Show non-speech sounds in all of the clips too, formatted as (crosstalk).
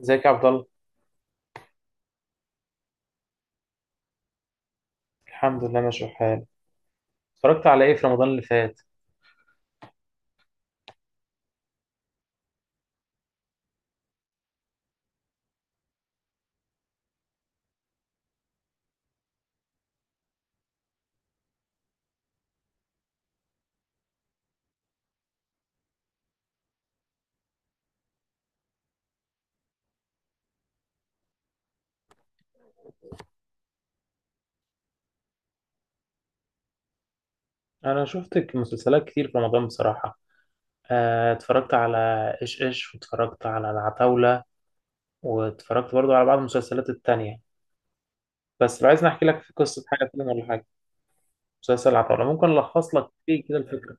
ازيك يا عبد الله؟ الحمد لله، ماشي الحال. اتفرجت على ايه في رمضان اللي فات؟ انا شفت مسلسلات كتير في رمضان بصراحه. اتفرجت على ايش ايش، واتفرجت على العتاوله، واتفرجت برضو على بعض المسلسلات التانية. بس لو عايز نحكي لك في قصه حاجه، فيلم ولا حاجه؟ مسلسل العتاوله ممكن الخص لك فيه كده الفكره.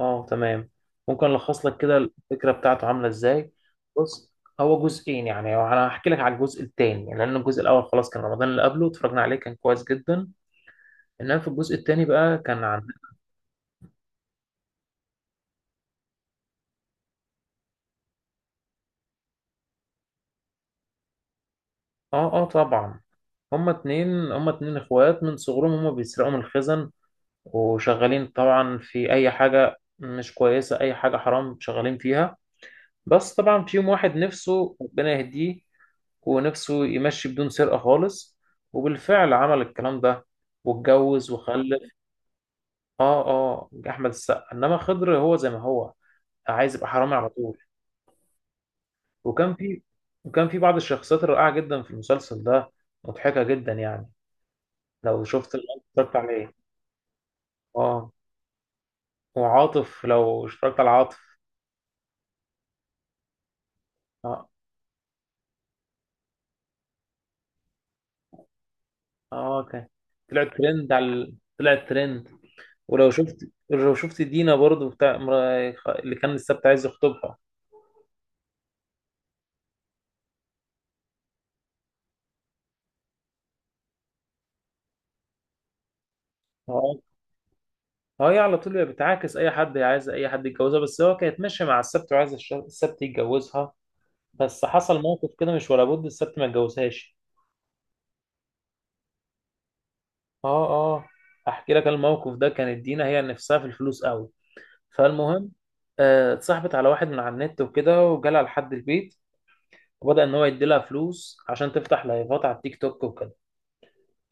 اه، تمام. ممكن الخص لك كده الفكره بتاعته عامله ازاي؟ بص، هو جزئين، يعني انا هحكي لك على الجزء الثاني، لان الجزء الاول خلاص كان رمضان اللي قبله اتفرجنا عليه، كان كويس جدا. انما في الجزء الثاني بقى كان عن. اه، اه، طبعا. هما اتنين اخوات من صغرهم، هما بيسرقوا من الخزن، وشغالين طبعا في اي حاجة مش كويسة، اي حاجة حرام شغالين فيها. بس طبعا في يوم واحد نفسه ربنا يهديه، ونفسه يمشي بدون سرقة خالص، وبالفعل عمل الكلام ده واتجوز وخلف. اه، اه، احمد السقا، انما خضر هو زي ما هو، عايز يبقى حرامي على طول. وكان في وكان في بعض الشخصيات الرائعة جدا في المسلسل ده، مضحكة جدا يعني. لو شفت اللي اتفرجت عليه. اه. وعاطف، لو اشتركت على عاطف. اه، اه، اوكي. طلع ترند. ولو شفت دينا برضو اللي كان السبت عايز يخطبها. اه، اه، هي على طول بتعاكس اي حد، هي عايزه اي حد يتجوزها، بس هو كانت ماشيه مع السبت، وعايز السبت يتجوزها. بس حصل موقف كده مش ولا بد، السبت ما اتجوزهاش. اه، اه، احكي لك الموقف ده. كانت دينا هي نفسها في الفلوس قوي. فالمهم، اتصاحبت على واحد من على النت وكده، وجالها لحد البيت، وبدأ إن هو يديلها فلوس عشان تفتح لايفات على التيك توك وكده.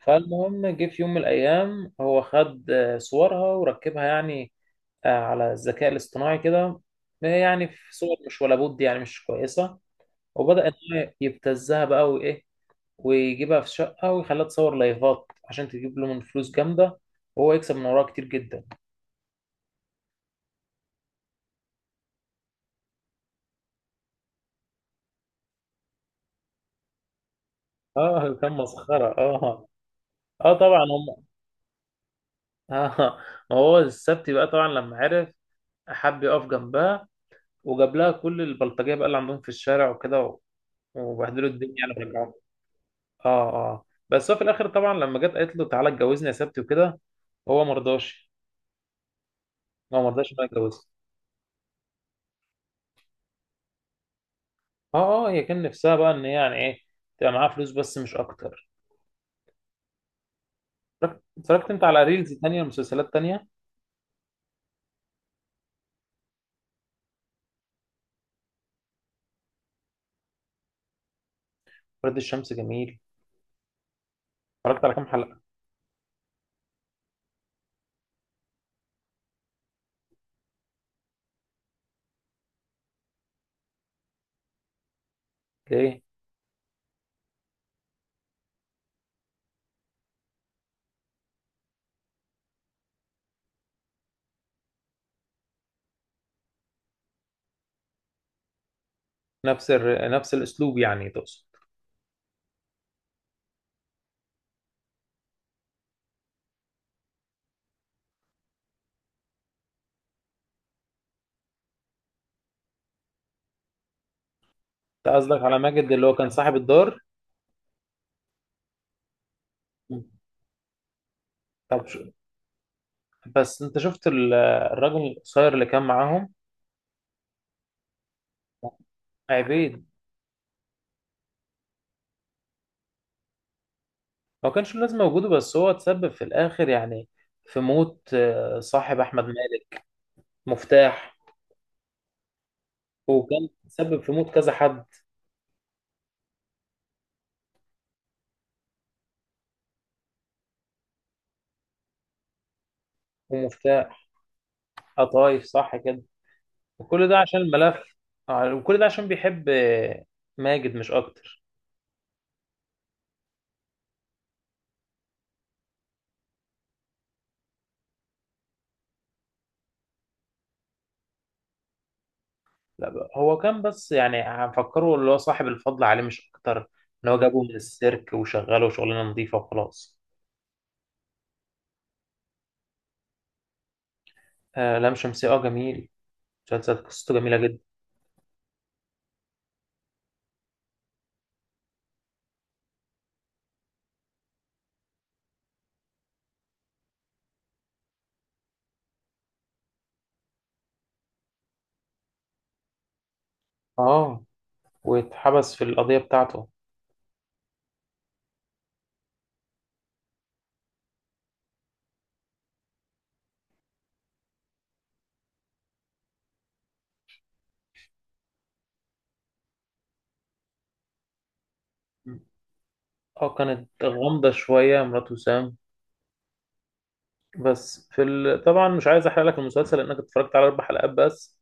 فالمهم، جه في يوم من الأيام هو خد صورها وركبها، يعني على الذكاء الاصطناعي كده. يعني في صور مش ولا بد، يعني مش كويسة. وبدأ إن هو يبتزها بقى وإيه، ويجيبها في شقة ويخليها تصور لايفات عشان تجيب له من فلوس جامدة، وهو يكسب من وراها كتير جدا. اه، (laughs) كان مسخرة، اه. اه، طبعا هم. (laughs) اه. ما هو السبت بقى طبعا لما عرف، حب يقف جنبها، وجاب لها كل البلطجيه بقى اللي عندهم في الشارع وكده، وبهدلوا الدنيا يعني ورجعوه. اه، اه، بس هو في الاخر طبعا لما جت قالت له تعالى اتجوزني يا سبتي وكده، هو ما رضاش. هو ما رضاش انها يتجوزها. اه، اه، هي كان نفسها بقى ان هي يعني ايه، تبقى معاها فلوس بس مش اكتر. اتفرجت انت على ريلز تانية ومسلسلات تانية؟ ورد الشمس جميل. اتفرجت على كام حلقة؟ ليه؟ نفس الاسلوب يعني تقصد؟ انت قصدك على ماجد اللي هو كان صاحب الدار؟ طب ش- بس انت شفت الراجل القصير اللي كان معاهم؟ عيب. ما كانش له لازمة وجوده، بس هو اتسبب في الآخر يعني، في موت صاحب أحمد مالك. مفتاح. وكان تسبب في موت كذا حد. ومفتاح. قطايف، صح كده. وكل ده عشان الملف. وكل ده عشان بيحب ماجد مش أكتر. لا بقى، هو كان بس يعني هنفكره اللي هو صاحب الفضل عليه مش أكتر، إن هو جابه من السيرك وشغله شغلانة نظيفة وخلاص. آه، لام شمسية، أه جميل. مسلسل قصته جميلة جدا. أه. واتحبس في القضية بتاعته. اه، كانت غامضة شوية مرات وسام. بس في طبعا مش عايز احرق لك المسلسل، لانك اتفرجت على اربع حلقات بس.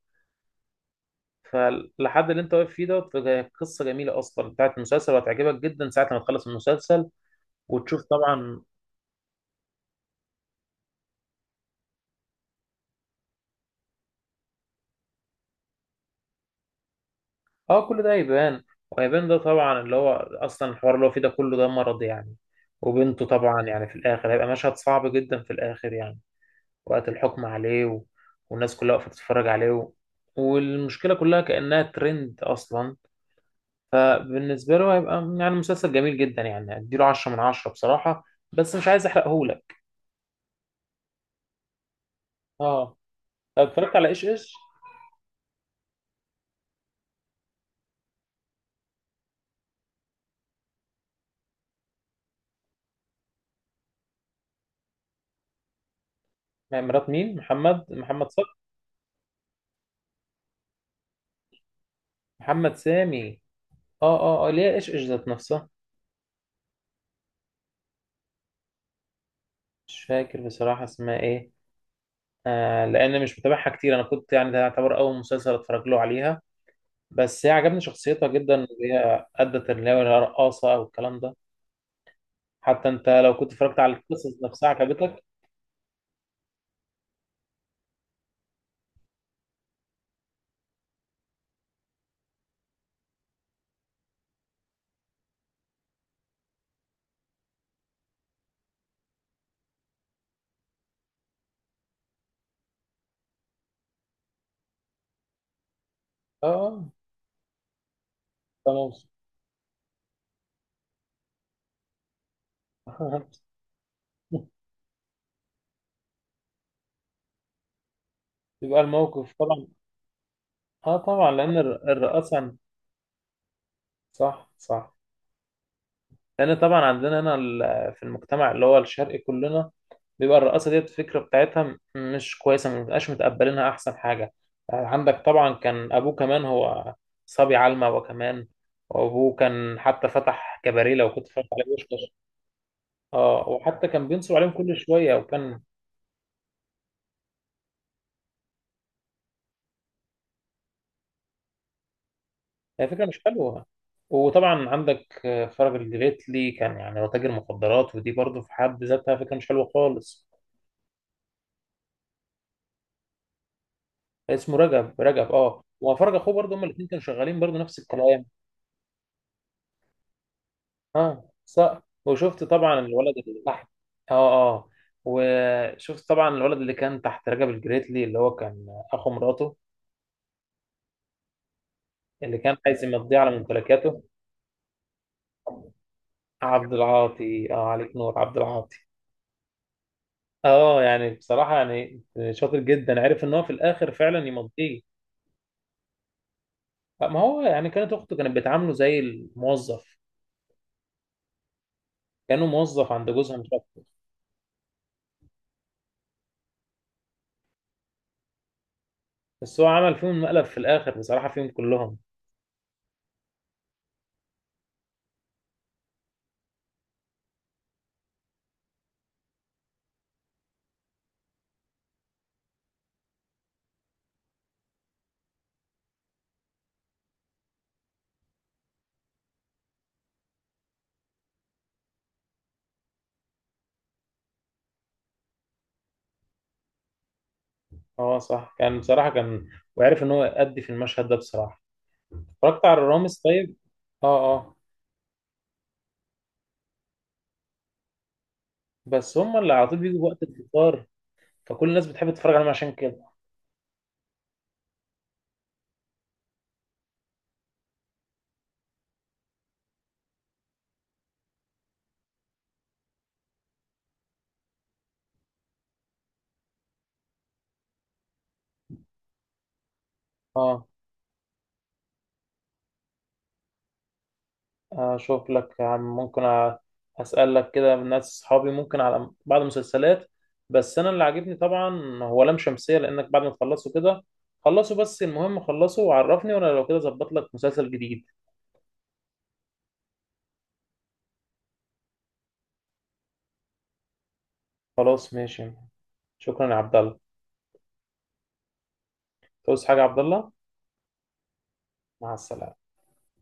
فلحد اللي انت واقف فيه دوت، هي قصة جميلة اصلا بتاعت المسلسل، وهتعجبك جدا ساعة ما تخلص المسلسل وتشوف طبعا. اه، كل ده هيبان. وهيبان ده طبعا اللي هو اصلا الحوار اللي هو فيه ده كله، ده مرض يعني. وبنته طبعا، يعني في الاخر هيبقى مشهد صعب جدا في الاخر يعني، وقت الحكم عليه والناس كلها واقفة تتفرج عليه والمشكلة كلها كأنها ترند اصلا. فبالنسبة له هيبقى يعني مسلسل جميل جدا، يعني اديله 10 من 10 بصراحة. بس مش عايز احرقهولك. اه، طب اتفرجت على ايش ايش؟ مع مرات مين؟ محمد صبحي؟ محمد سامي. اه، اه، اه، ليه؟ ايش ايش ذات نفسها. مش فاكر بصراحة اسمها ايه. لان مش متابعها كتير، انا كنت يعني ده يعتبر اول مسلسل اتفرج له عليها. بس هي عجبني شخصيتها جدا، وهي ادت اللي هي الرقاصة او الكلام ده. حتى انت لو كنت اتفرجت على القصص نفسها عجبتك. اه. آه، تمام. (laughs) يبقى الموقف طبعا. اه، طبعا لان الرقاصه. صح، صح. لان طبعا عندنا هنا في المجتمع اللي هو الشرقي كلنا، بيبقى الرقاصه ديت الفكره بتاعتها مش كويسه، ما بنبقاش متقبلينها، احسن حاجه عندك طبعا كان ابوه كمان هو صبي علمة. وكمان وابوه كان حتى فتح كباريه لو كنت اتفرجت عليه وشكش. اه، وحتى كان بينصب عليهم كل شويه وكان. هي فكره مش حلوه. وطبعا عندك فرج الجريتلي كان يعني هو تاجر مخدرات، ودي برضه في حد ذاتها فكره مش حلوه خالص. اسمه رجب، رجب، اه، وفرج اخوه برضه، هما الاثنين كانوا شغالين برضه نفس الكلام. اه، صح، وشفت طبعا الولد اللي تحت. اه، اه، وشفت طبعا الولد اللي كان تحت رجب الجريتلي، اللي هو كان اخو مراته، اللي كان عايز يمضي على ممتلكاته. عبد العاطي، اه، عليك نور عبد العاطي. اه، يعني بصراحة يعني شاطر جدا، عرف ان هو في الاخر فعلا يمضيه. ما هو يعني كانت اخته كانت بتعامله زي الموظف، كانه موظف عند جوزها مش أكتر. بس هو عمل فيهم مقلب في الاخر بصراحه، فيهم كلهم. اه، صح، كان بصراحه كان، وعرف ان هو يأدي في المشهد ده بصراحه. اتفرجت على الرامز طيب؟ اه، اه. بس هم اللي على طول بيجوا وقت الفطار، فكل الناس بتحب تتفرج عليهم عشان كده. اه، اشوف لك يا عم، ممكن اسالك كده من ناس اصحابي، ممكن على بعض المسلسلات. بس انا اللي عاجبني طبعا هو لام شمسيه، لانك بعد ما تخلصوا كده، خلصوا، بس المهم خلصوا وعرفني، وانا لو كده ظبط لك مسلسل جديد. خلاص ماشي. شكرا يا عبد الله. توصي حاجة يا عبد الله؟ مع السلامة.